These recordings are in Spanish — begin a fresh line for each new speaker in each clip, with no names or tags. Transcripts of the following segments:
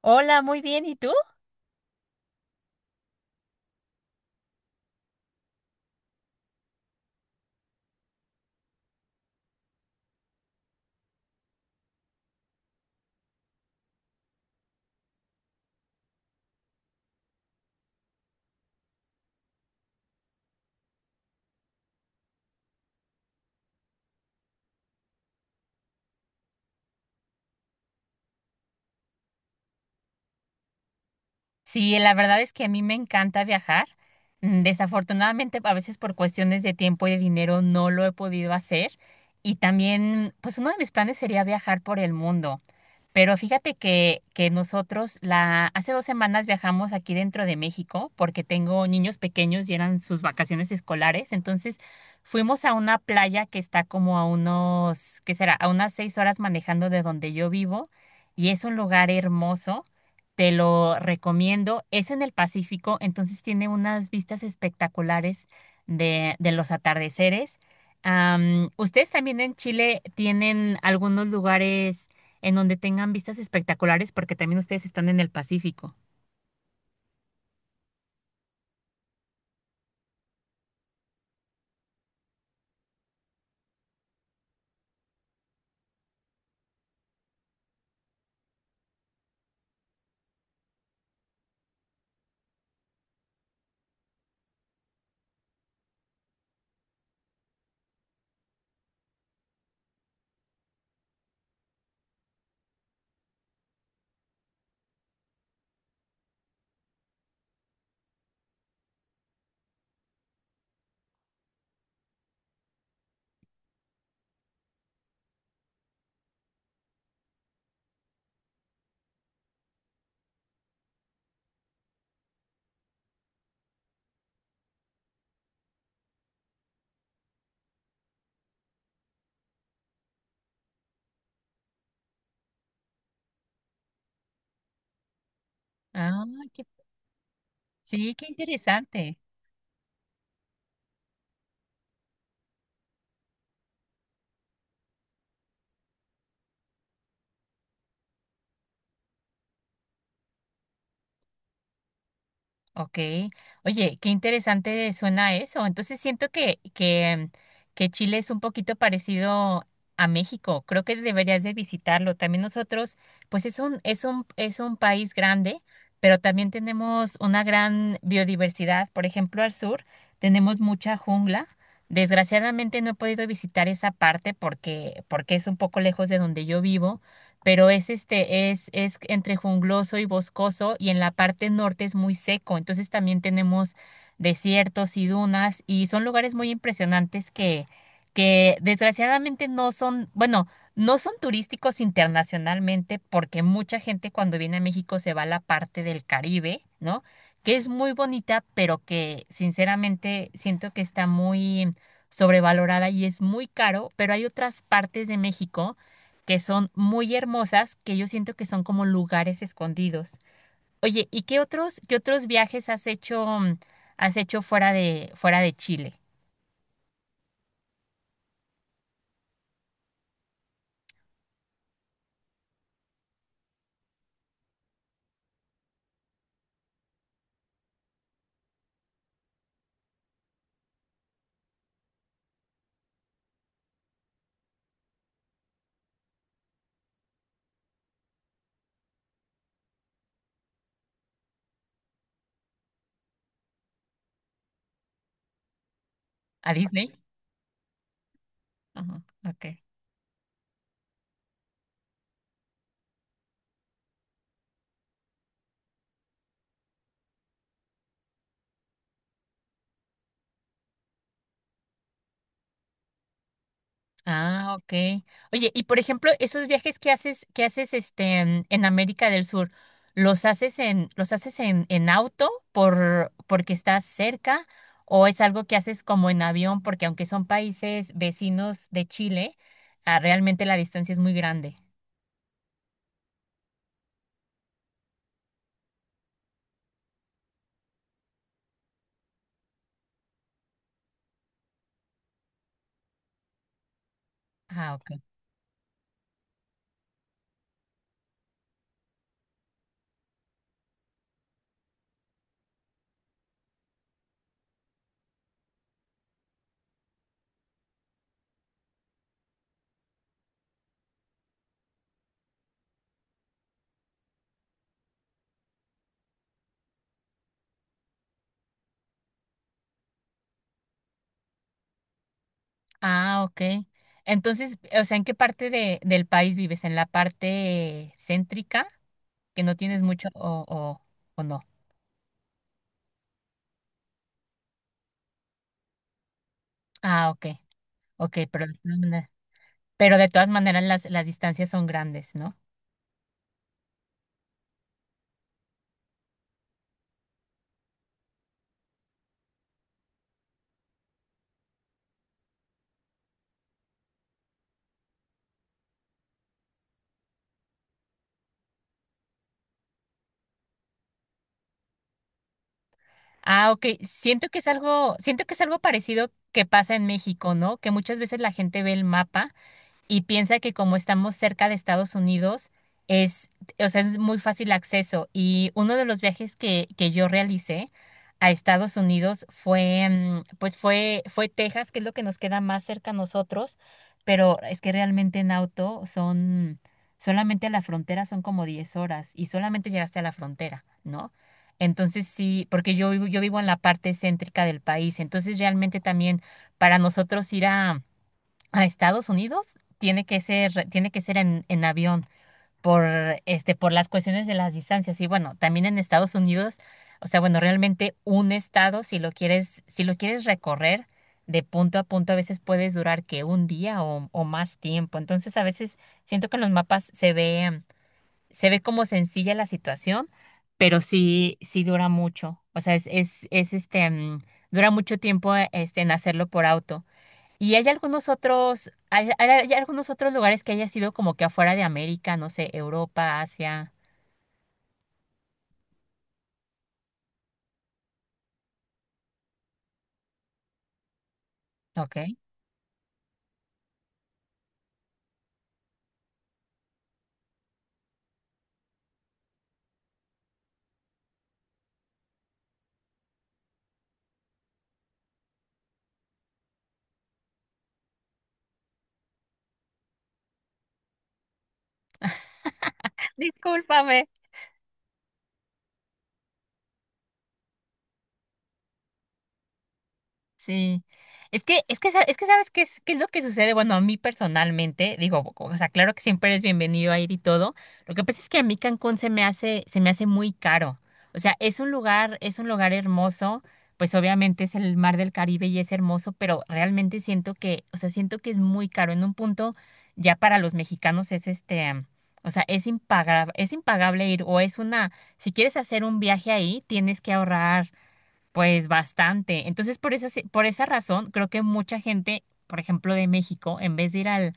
Hola, muy bien. ¿Y tú? Sí, la verdad es que a mí me encanta viajar. Desafortunadamente, a veces por cuestiones de tiempo y de dinero no lo he podido hacer. Y también, pues uno de mis planes sería viajar por el mundo. Pero fíjate que hace 2 semanas viajamos aquí dentro de México porque tengo niños pequeños y eran sus vacaciones escolares. Entonces fuimos a una playa que está como a unos, ¿qué será? A unas 6 horas manejando de donde yo vivo y es un lugar hermoso. Te lo recomiendo. Es en el Pacífico, entonces tiene unas vistas espectaculares de los atardeceres. ¿Ustedes también en Chile tienen algunos lugares en donde tengan vistas espectaculares, porque también ustedes están en el Pacífico? Ah, qué- sí, qué interesante. Ok, oye, qué interesante suena eso. Entonces siento que Chile es un poquito parecido a México. Creo que deberías de visitarlo. También nosotros, pues es un país grande, pero también tenemos una gran biodiversidad. Por ejemplo, al sur tenemos mucha jungla. Desgraciadamente no he podido visitar esa parte porque es un poco lejos de donde yo vivo, pero es entre jungloso y boscoso, y en la parte norte es muy seco, entonces también tenemos desiertos y dunas, y son lugares muy impresionantes que desgraciadamente no son turísticos internacionalmente, porque mucha gente cuando viene a México se va a la parte del Caribe, ¿no? Que es muy bonita, pero que sinceramente siento que está muy sobrevalorada y es muy caro, pero hay otras partes de México que son muy hermosas, que yo siento que son como lugares escondidos. Oye, ¿y qué otros viajes has hecho, has hecho fuera de Chile? ¿A Disney? Ajá, ok. Ah, ok. Oye, y por ejemplo, esos viajes que haces este en América del Sur, ¿los haces en auto porque estás cerca? ¿O es algo que haces como en avión? Porque aunque son países vecinos de Chile, ah, realmente la distancia es muy grande. Ah, ok. Ah, ok. Entonces, o sea, ¿en qué parte del país vives? ¿En la parte céntrica, que no tienes mucho o no? Ah, ok, ok, pero, pero de todas maneras las distancias son grandes, ¿no? Ah, ok. Siento que es algo, siento que es algo parecido que pasa en México, ¿no? Que muchas veces la gente ve el mapa y piensa que como estamos cerca de Estados Unidos, es, o sea, es muy fácil acceso. Y uno de los viajes que yo realicé a Estados Unidos fue, pues fue Texas, que es lo que nos queda más cerca a nosotros, pero es que realmente en auto son, solamente a la frontera son como 10 horas y solamente llegaste a la frontera, ¿no? Entonces sí, porque yo vivo en la parte céntrica del país, entonces realmente también para nosotros ir a Estados Unidos tiene que ser en avión por, este, por las cuestiones de las distancias. Y bueno, también en Estados Unidos, o sea, bueno, realmente un estado, si lo quieres, si lo quieres recorrer de punto a punto, a veces puedes durar que un día o más tiempo. Entonces, a veces siento que en los mapas se ve como sencilla la situación, pero sí, sí dura mucho. O sea, es este, dura mucho tiempo, este, en hacerlo por auto. ¿Y hay hay algunos otros lugares que haya sido como que afuera de América, no sé, Europa, Asia? Ok. Discúlpame. Sí. Es que sabes qué es lo que sucede. Bueno, a mí personalmente, digo, o sea, claro que siempre eres bienvenido a ir y todo. Lo que pasa es que a mí Cancún se me hace muy caro. O sea, es un lugar hermoso. Pues obviamente es el mar del Caribe y es hermoso, pero realmente siento o sea, siento que es muy caro. En un punto, ya para los mexicanos es este, o sea, es impagable ir, o es una, si quieres hacer un viaje ahí, tienes que ahorrar. Pues bastante. Entonces, por esa razón, creo que mucha gente, por ejemplo, de México, en vez de ir al,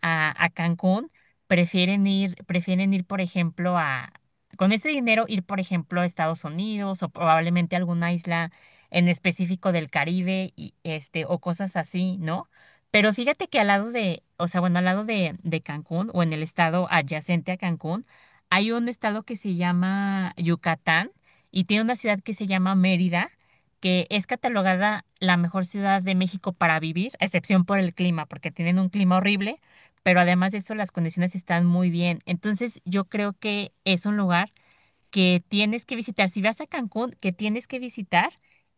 a, a Cancún, prefieren ir, por ejemplo, con ese dinero, ir, por ejemplo, a Estados Unidos o probablemente a alguna isla en específico del Caribe y, este, o cosas así, ¿no? Pero fíjate que al lado de, o sea, bueno, al lado de Cancún o en el estado adyacente a Cancún, hay un estado que se llama Yucatán y tiene una ciudad que se llama Mérida que es catalogada la mejor ciudad de México para vivir, a excepción por el clima, porque tienen un clima horrible, pero además de eso las condiciones están muy bien. Entonces yo creo que es un lugar que tienes que visitar. Si vas a Cancún, que tienes que visitar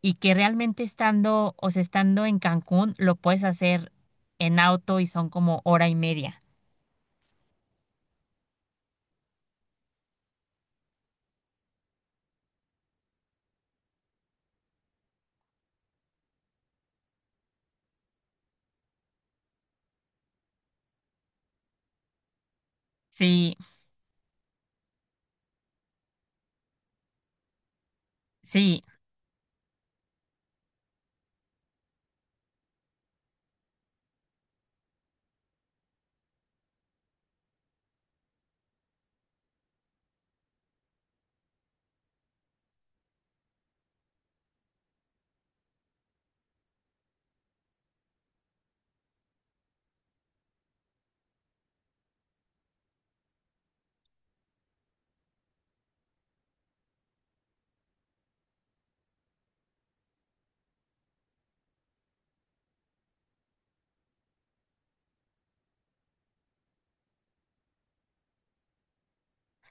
y que realmente estando, o sea, estando en Cancún, lo puedes hacer en auto y son como hora y media. Sí, sí,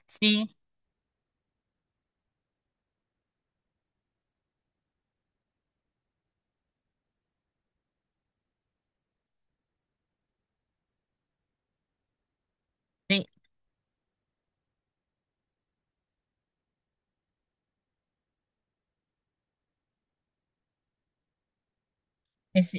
sí, sí. Es,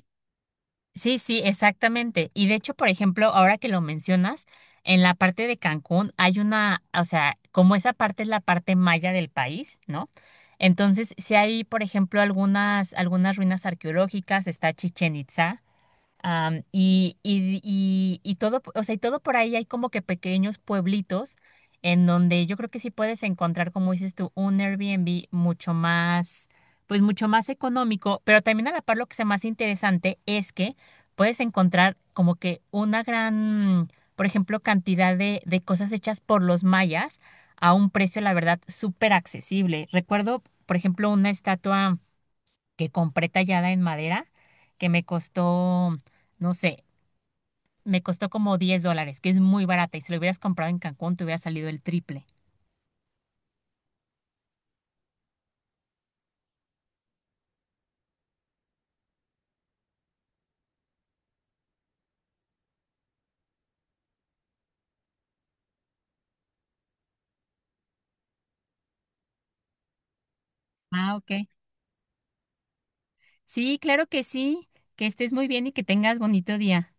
Sí, sí, exactamente. Y de hecho, por ejemplo, ahora que lo mencionas, en la parte de Cancún hay una, o sea, como esa parte es la parte maya del país, ¿no? Entonces, si hay, por ejemplo, algunas ruinas arqueológicas, está Chichen Itza. Y todo, o sea, y todo por ahí hay como que pequeños pueblitos en donde yo creo que sí puedes encontrar, como dices tú, un Airbnb mucho más, pues mucho más económico, pero también a la par lo que sea más interesante es que puedes encontrar como que una gran, por ejemplo, cantidad de cosas hechas por los mayas a un precio, la verdad, súper accesible. Recuerdo, por ejemplo, una estatua que compré tallada en madera, que me costó, no sé, me costó como $10, que es muy barata. Y si lo hubieras comprado en Cancún, te hubiera salido el triple. Ah, ok. Sí, claro que sí. Que estés muy bien y que tengas bonito día.